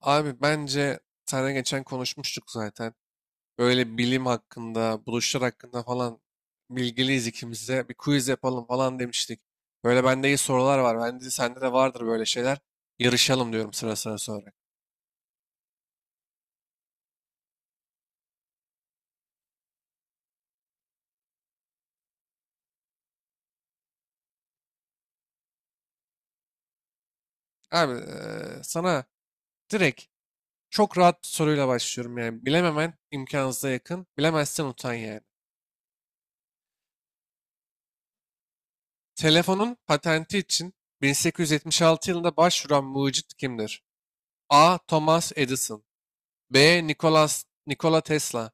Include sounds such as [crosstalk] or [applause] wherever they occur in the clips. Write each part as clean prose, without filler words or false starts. Abi bence sana geçen konuşmuştuk zaten. Böyle bilim hakkında, buluşlar hakkında falan bilgiliyiz ikimiz de. Bir quiz yapalım falan demiştik. Böyle bende iyi sorular var. Bence sende de vardır böyle şeyler. Yarışalım diyorum sıra sıra sonra. Abi sana direkt çok rahat bir soruyla başlıyorum yani. Bilememen imkansıza yakın. Bilemezsen utan yani. Telefonun patenti için 1876 yılında başvuran mucit kimdir? A. Thomas Edison. B. Nikola Tesla.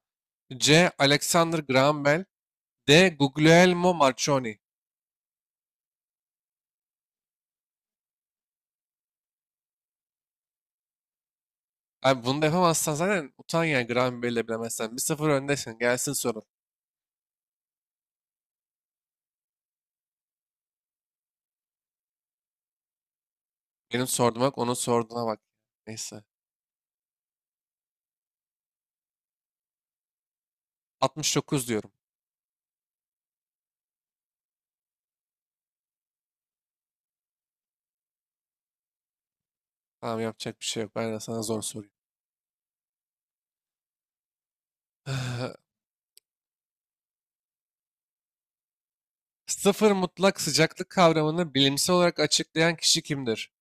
C. Alexander Graham Bell. D. Guglielmo Marconi. Abi bunu da yapamazsan zaten utan ya, Graham Bell'i de bilemezsen. Bir sıfır öndesin. Gelsin sorun. Benim sorduğuma bak, onun sorduğuna bak. Neyse. 69 diyorum. Tamam, yapacak bir şey yok. Ben de sana zor sorayım. [sighs] [laughs] Sıfır mutlak sıcaklık kavramını bilimsel olarak açıklayan kişi kimdir?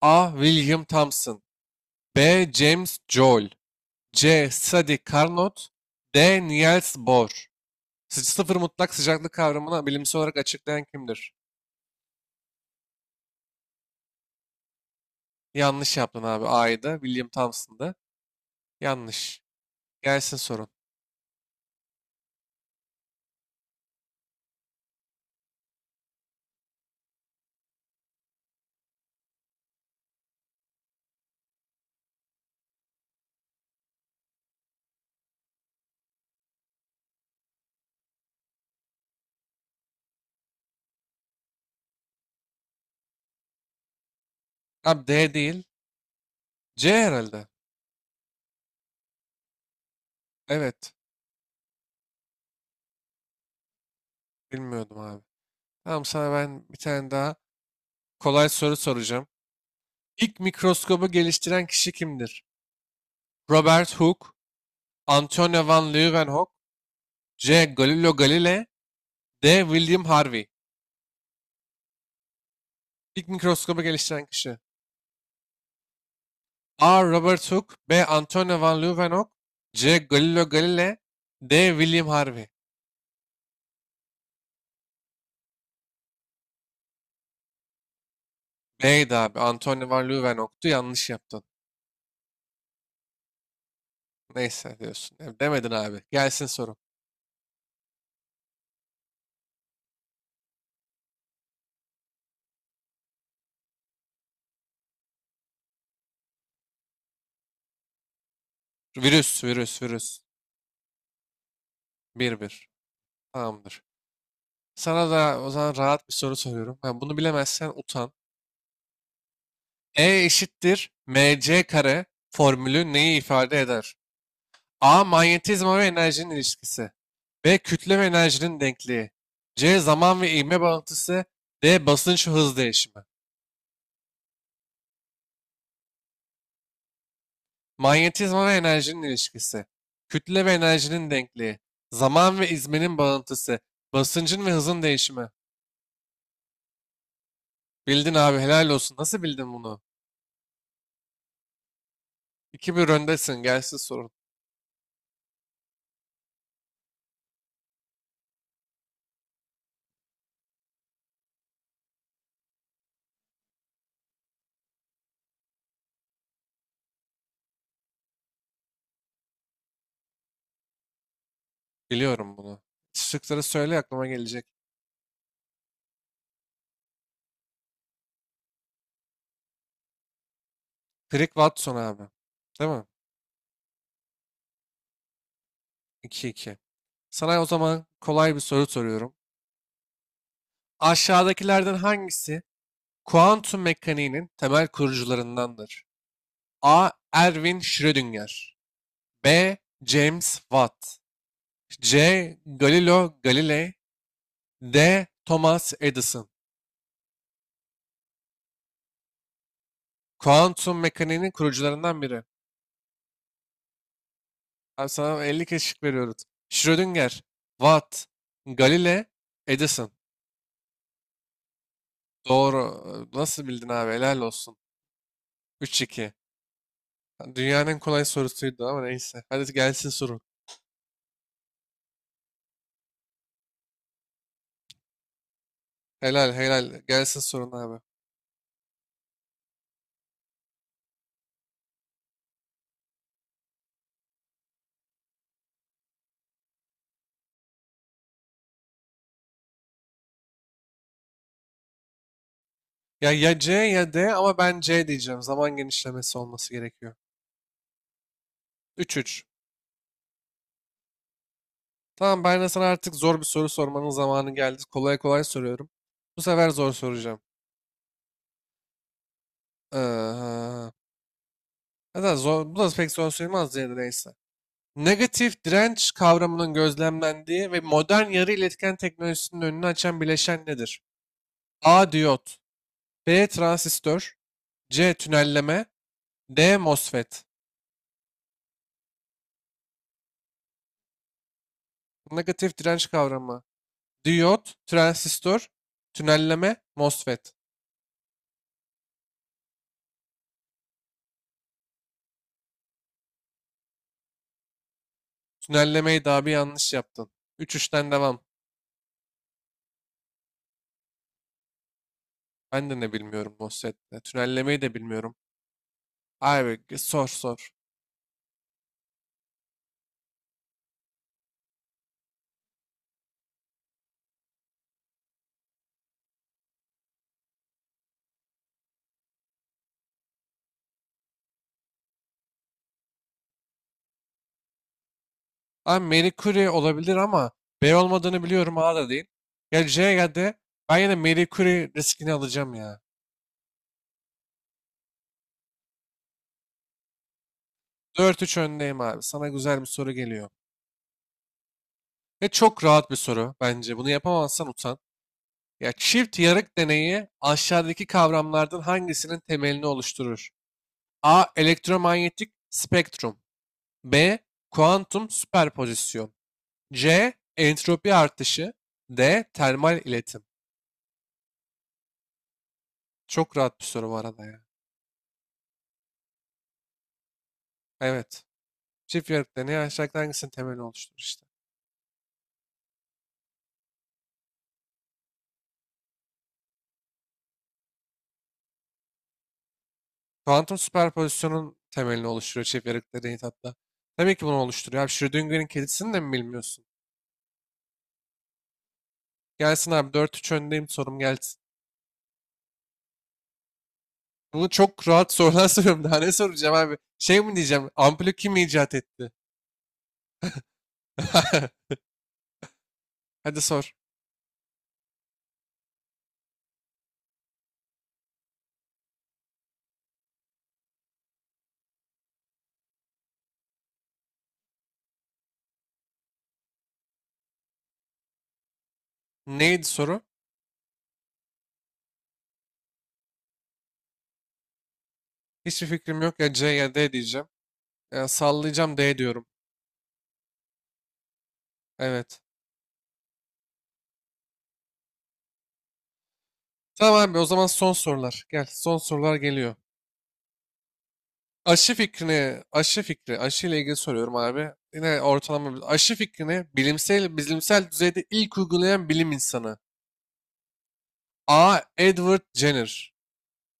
A. William Thomson. B. James Joule. C. Sadi Carnot. D. Niels Bohr. Sıfır mutlak sıcaklık kavramını bilimsel olarak açıklayan kimdir? Yanlış yaptın abi. A'ydı. William Thompson'dı. Yanlış. Gelsin sorun. Abi D değil. C herhalde. Evet. Bilmiyordum abi. Tamam, sana ben bir tane daha kolay soru soracağım. İlk mikroskobu geliştiren kişi kimdir? Robert Hooke, Antonio van Leeuwenhoek, C. Galileo Galilei, D. William Harvey. İlk mikroskobu geliştiren kişi. A. Robert Hooke. B. Antonio van Leeuwenhoek. C. Galileo Galilei. D. William Harvey. B'ydi abi. Antonio van Leeuwenhoek'tu. Yanlış yaptın. Neyse diyorsun. Ya demedin abi. Gelsin soru. Virüs, virüs, virüs. Bir bir. Tamamdır. Sana da o zaman rahat bir soru soruyorum. Ha, bunu bilemezsen utan. E eşittir mc kare formülü neyi ifade eder? A. Manyetizma ve enerjinin ilişkisi. B. Kütle ve enerjinin denkliği. C. Zaman ve ivme bağıntısı. D. Basınç ve hız değişimi. Manyetizma ve enerjinin ilişkisi. Kütle ve enerjinin denkliği. Zaman ve izmenin bağıntısı. Basıncın ve hızın değişimi. Bildin abi, helal olsun. Nasıl bildin bunu? İki bir öndesin. Gelsin sorun. Biliyorum bunu. Şıkları söyle, aklıma gelecek. Crick Watson abi. Değil mi? 2-2. Sana o zaman kolay bir soru soruyorum. Aşağıdakilerden hangisi kuantum mekaniğinin temel kurucularındandır? A. Erwin Schrödinger. B. James Watt. C. Galileo Galilei. D. Thomas Edison. Kuantum mekaniğinin kurucularından biri. Abi sana 50 kez şık veriyoruz. Schrödinger, Watt, Galilei, Edison. Doğru. Nasıl bildin abi? Helal olsun. Üç 2. Dünyanın en kolay sorusuydu ama neyse. Hadi gelsin sorun. Helal helal. Gelsin sorun abi. Ya ya C ya D, ama ben C diyeceğim. Zaman genişlemesi olması gerekiyor. 3-3. Tamam, ben de sana artık zor bir soru sormanın zamanı geldi. Kolay kolay soruyorum. Bu sefer zor soracağım. Ee, hatta zor, bu da pek zor sayılmaz diye de, neyse. Negatif direnç kavramının gözlemlendiği ve modern yarı iletken teknolojisinin önünü açan bileşen nedir? A. Diyot. B. Transistör. C. Tünelleme. D. MOSFET. Negatif direnç kavramı. Diyot, transistör, tünelleme, MOSFET. Tünellemeyi daha bir yanlış yaptın. Üç 3'ten devam. Ben de ne bilmiyorum MOSFET'te. Tünellemeyi de bilmiyorum. Abi sor sor. Abi Marie Curie olabilir ama B olmadığını biliyorum, A da değil. Ya C'ye ya. Ben yine Marie Curie riskini alacağım ya. Dört üç öndeyim abi. Sana güzel bir soru geliyor. Ve çok rahat bir soru bence. Bunu yapamazsan utan. Ya, çift yarık deneyi aşağıdaki kavramlardan hangisinin temelini oluşturur? A. Elektromanyetik spektrum. B. Kuantum süperpozisyon. C. Entropi artışı. D. Termal iletim. Çok rahat bir soru bu arada ya. Evet. Çift yarık deneyi aşağıdaki hangisinin temelini oluşturur işte. Kuantum süperpozisyonun temelini oluşturuyor çift yarık deneyi hatta. Tabii ki bunu oluşturuyor. Abi Schrödinger'in kedisini de mi bilmiyorsun? Gelsin abi, dört üç öndeyim, sorum gelsin. Bunu çok rahat sorular [laughs] soruyorum. Daha ne soracağım abi? Şey mi diyeceğim? Ampulü kim icat etti? [laughs] Hadi sor. Neydi soru? Hiçbir fikrim yok, ya C ya D diyeceğim. Ya sallayacağım, D diyorum. Evet. Tamam abi, o zaman son sorular. Gel, son sorular geliyor. Aşı fikrini, aşı fikri, aşı ile ilgili soruyorum abi. Yine aşı fikrini bilimsel düzeyde ilk uygulayan bilim insanı. A. Edward Jenner.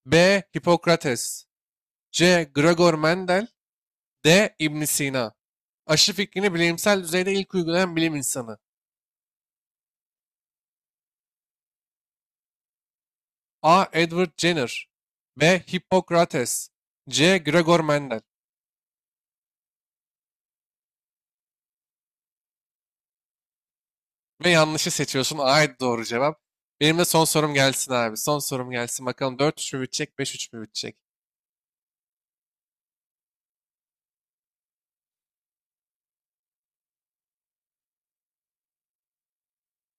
B. Hipokrates. C. Gregor Mendel. D. İbn Sina. Aşı fikrini bilimsel düzeyde ilk uygulayan bilim insanı. A. Edward Jenner. B. Hippokrates. C. Gregor Mendel. Ve yanlışı seçiyorsun. A. Doğru cevap. Benim de son sorum gelsin abi. Son sorum gelsin. Bakalım dört üç mü bitecek, beş üç mü bitecek?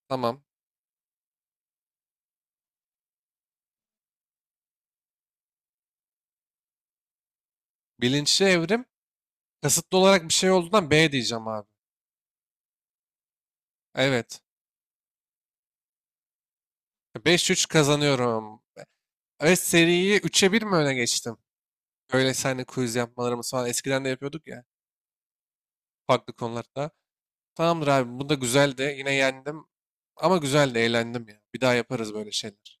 Tamam. Bilinçli evrim kasıtlı olarak bir şey olduğundan B diyeceğim abi. Evet. Beş üç kazanıyorum. Evet, seriyi üç'e bir mi öne geçtim? Öyle seninle quiz yapmalarımız falan eskiden de yapıyorduk ya. Farklı konularda. Tamamdır abi. Bu da güzeldi. Yine yendim. Ama güzeldi, eğlendim ya. Bir daha yaparız böyle şeyler.